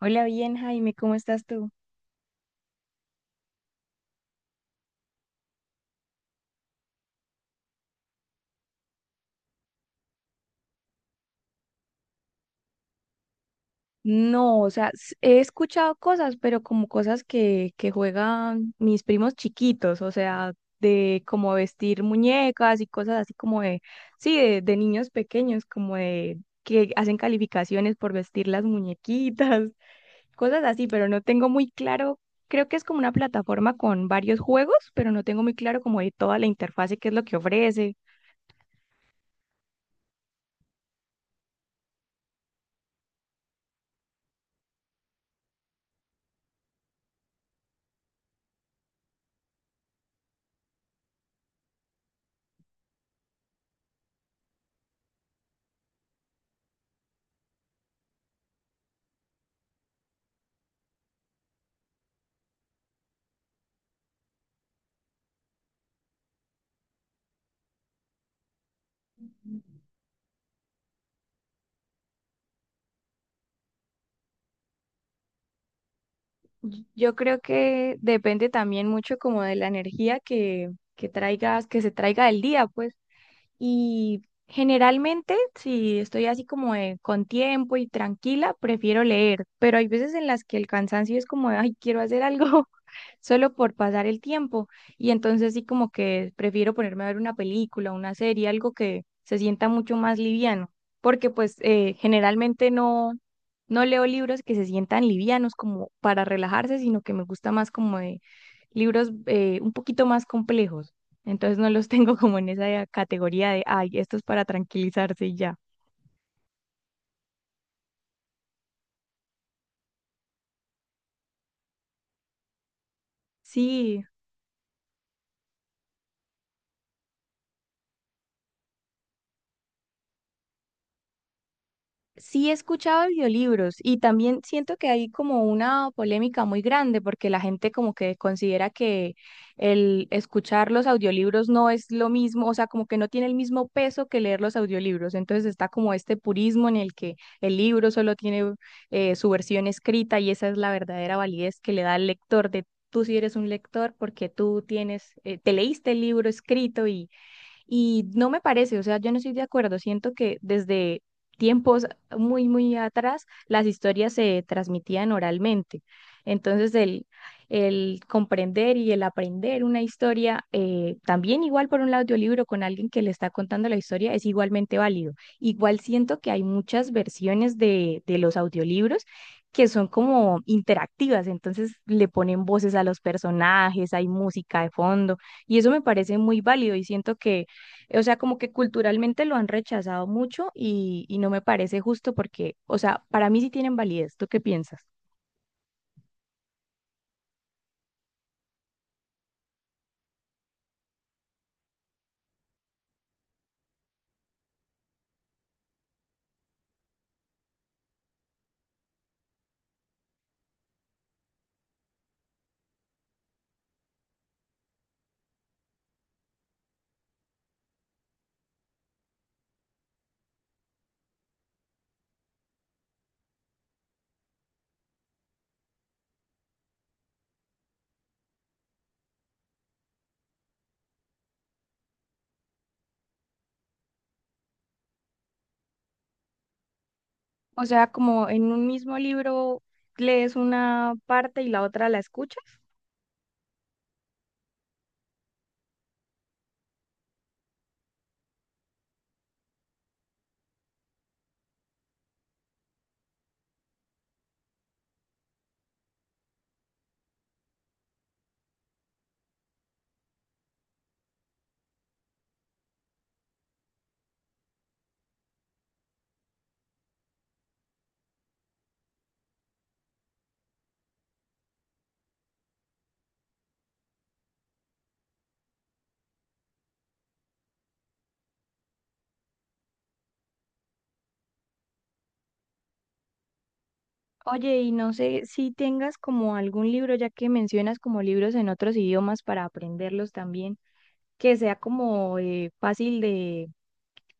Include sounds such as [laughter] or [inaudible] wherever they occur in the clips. Hola, bien, Jaime, ¿cómo estás tú? No, o sea, he escuchado cosas, pero como cosas que juegan mis primos chiquitos, o sea, de como vestir muñecas y cosas así como de, sí, de niños pequeños, como de que hacen calificaciones por vestir las muñequitas, [laughs] cosas así, pero no tengo muy claro, creo que es como una plataforma con varios juegos, pero no tengo muy claro como de toda la interfase, qué es lo que ofrece. Yo creo que depende también mucho como de la energía que traigas, que se traiga el día, pues. Y generalmente, si estoy así como con tiempo y tranquila, prefiero leer, pero hay veces en las que el cansancio es como, de, ay, quiero hacer algo, solo por pasar el tiempo. Y entonces sí como que prefiero ponerme a ver una película, una serie, algo que se sienta mucho más liviano, porque pues generalmente no, no leo libros que se sientan livianos como para relajarse, sino que me gusta más como de libros un poquito más complejos. Entonces no los [laughs] tengo como en esa categoría de, ay, esto es para tranquilizarse y ya. Sí. Sí he escuchado audiolibros y también siento que hay como una polémica muy grande porque la gente como que considera que el escuchar los audiolibros no es lo mismo, o sea, como que no tiene el mismo peso que leer los audiolibros. Entonces está como este purismo en el que el libro solo tiene su versión escrita y esa es la verdadera validez que le da al lector de tú si eres un lector porque tú tienes, te leíste el libro escrito y no me parece, o sea, yo no estoy de acuerdo. Siento que desde tiempos muy, muy atrás las historias se transmitían oralmente. Entonces, el comprender y el aprender una historia, también igual por un audiolibro con alguien que le está contando la historia, es igualmente válido. Igual siento que hay muchas versiones de los audiolibros que son como interactivas, entonces le ponen voces a los personajes, hay música de fondo, y eso me parece muy válido y siento que o sea, como que culturalmente lo han rechazado mucho y no me parece justo porque, o sea, para mí sí tienen validez. ¿Tú qué piensas? O sea, como en un mismo libro lees una parte y la otra la escuchas. Oye, y no sé si tengas como algún libro, ya que mencionas como libros en otros idiomas para aprenderlos también. Que sea como fácil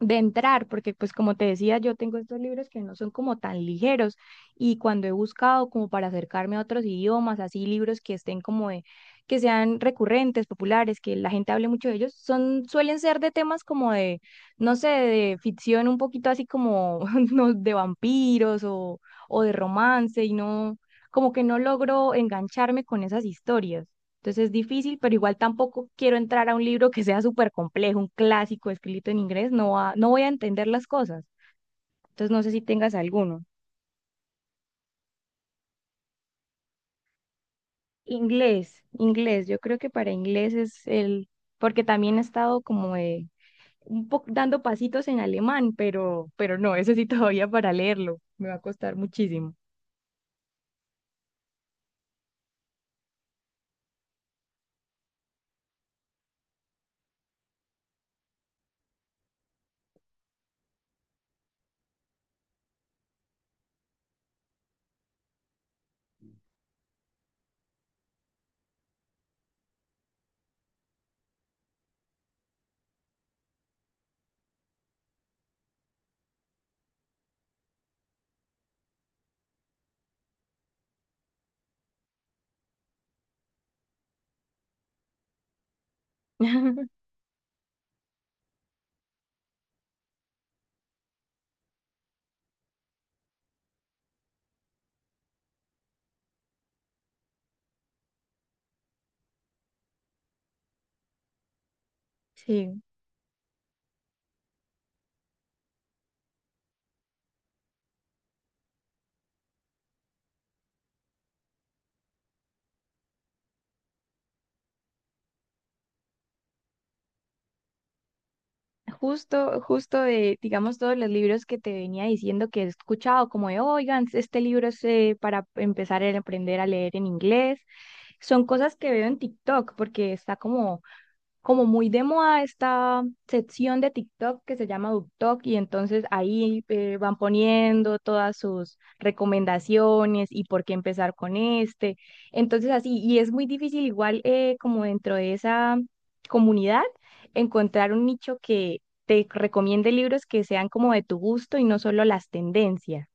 de entrar, porque pues como te decía, yo tengo estos libros que no son como tan ligeros y cuando he buscado como para acercarme a otros idiomas, así libros que estén como de, que sean recurrentes, populares, que la gente hable mucho de ellos, son, suelen ser de temas como de, no sé, de ficción un poquito así como [laughs] no, de vampiros o de romance y no, como que no logro engancharme con esas historias. Entonces es difícil, pero igual tampoco quiero entrar a un libro que sea súper complejo, un clásico escrito en inglés, no, no voy a entender las cosas. Entonces no sé si tengas alguno. Inglés, inglés, yo creo que para inglés es el, porque también he estado como un poco dando pasitos en alemán, pero no, eso sí [laughs] todavía para leerlo, me va a costar muchísimo. [laughs] Sí. Justo, justo de, digamos, todos los libros que te venía diciendo que he escuchado, como de, oigan, este libro es para empezar a aprender a leer en inglés, son cosas que veo en TikTok, porque está como como muy de moda esta sección de TikTok que se llama BookTok y entonces ahí van poniendo todas sus recomendaciones y por qué empezar con este. Entonces así, y es muy difícil igual como dentro de esa comunidad encontrar un nicho que te recomiende libros que sean como de tu gusto y no solo las tendencias.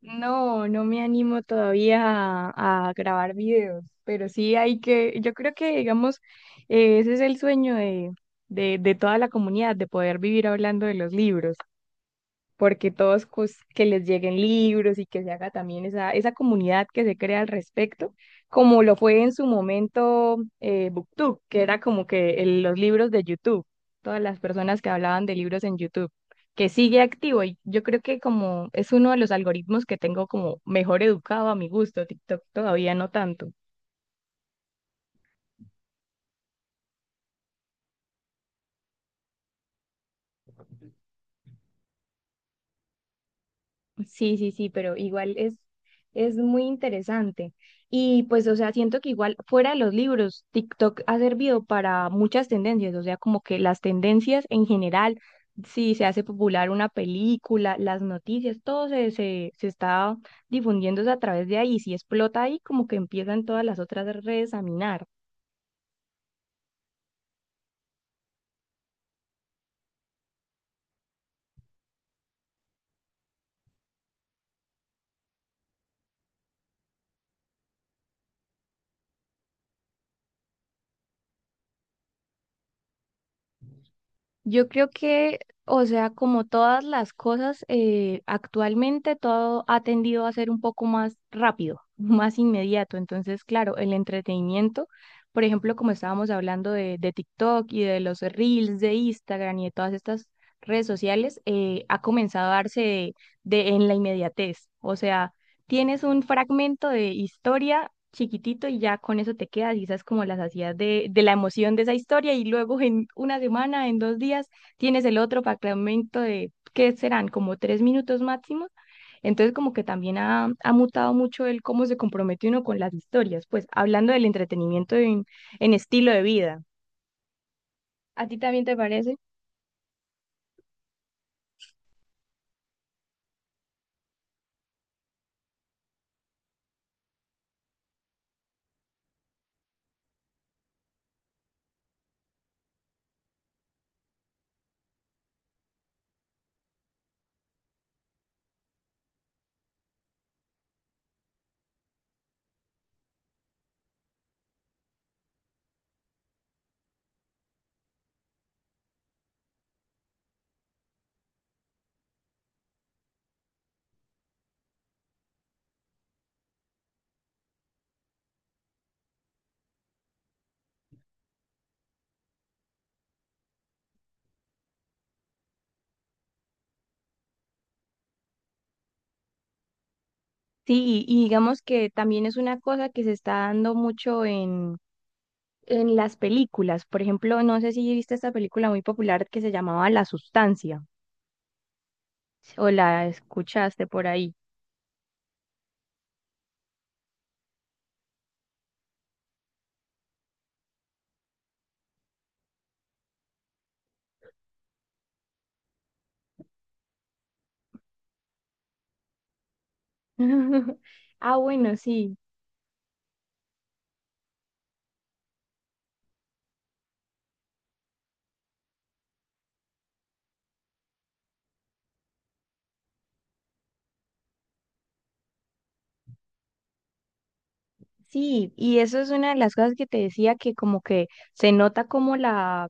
No, no me animo todavía a grabar videos, pero sí hay que, yo creo que, digamos, ese es el sueño de, de toda la comunidad, de poder vivir hablando de los libros porque todos pues, que les lleguen libros y que se haga también esa comunidad que se crea al respecto, como lo fue en su momento BookTube, que era como que los libros de YouTube, todas las personas que hablaban de libros en YouTube, que sigue activo y yo creo que como es uno de los algoritmos que tengo como mejor educado a mi gusto, TikTok todavía no tanto. Sí, sí, sí, pero igual es muy interesante. Y pues, o sea, siento que igual fuera de los libros, TikTok ha servido para muchas tendencias, o sea, como que las tendencias en general, si se hace popular una película, las noticias, todo se, se, se está difundiéndose a través de ahí. Si explota ahí, como que empiezan todas las otras redes a minar. Yo creo que, o sea, como todas las cosas, actualmente todo ha tendido a ser un poco más rápido, [laughs] más inmediato. Entonces, claro, el entretenimiento, por ejemplo, como estábamos hablando de TikTok y de los Reels de Instagram y de todas estas redes sociales, ha comenzado a darse de, en la inmediatez. O sea, tienes un fragmento de historia chiquitito y ya con eso te quedas, y esas como las hacías de la emoción de esa historia y luego en una semana, en dos días, tienes el otro fragmento de, ¿qué serán? Como tres minutos máximo. Entonces como que también ha, ha mutado mucho el cómo se compromete uno con las historias, pues hablando del entretenimiento en estilo de vida. ¿A ti también te parece? Sí, y digamos que también es una cosa que se está dando mucho en las películas. Por ejemplo, no sé si viste esta película muy popular que se llamaba La Sustancia o la escuchaste por ahí. [laughs] Ah, bueno, sí. Sí, y eso es una de las cosas que te decía que como que se nota como la,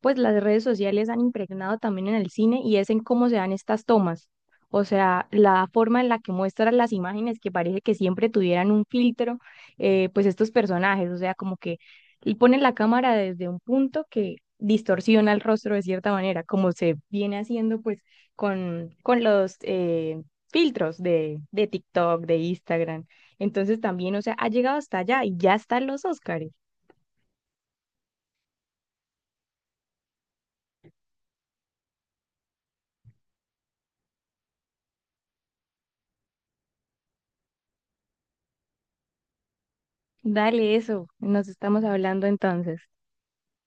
pues las redes sociales han impregnado también en el cine y es en cómo se dan estas tomas. O sea, la forma en la que muestran las imágenes que parece que siempre tuvieran un filtro, pues estos personajes, o sea, como que y ponen la cámara desde un punto que distorsiona el rostro de cierta manera, como se viene haciendo pues con los filtros de TikTok, de Instagram. Entonces también, o sea, ha llegado hasta allá y ya están los Óscares. Dale eso, nos estamos hablando entonces.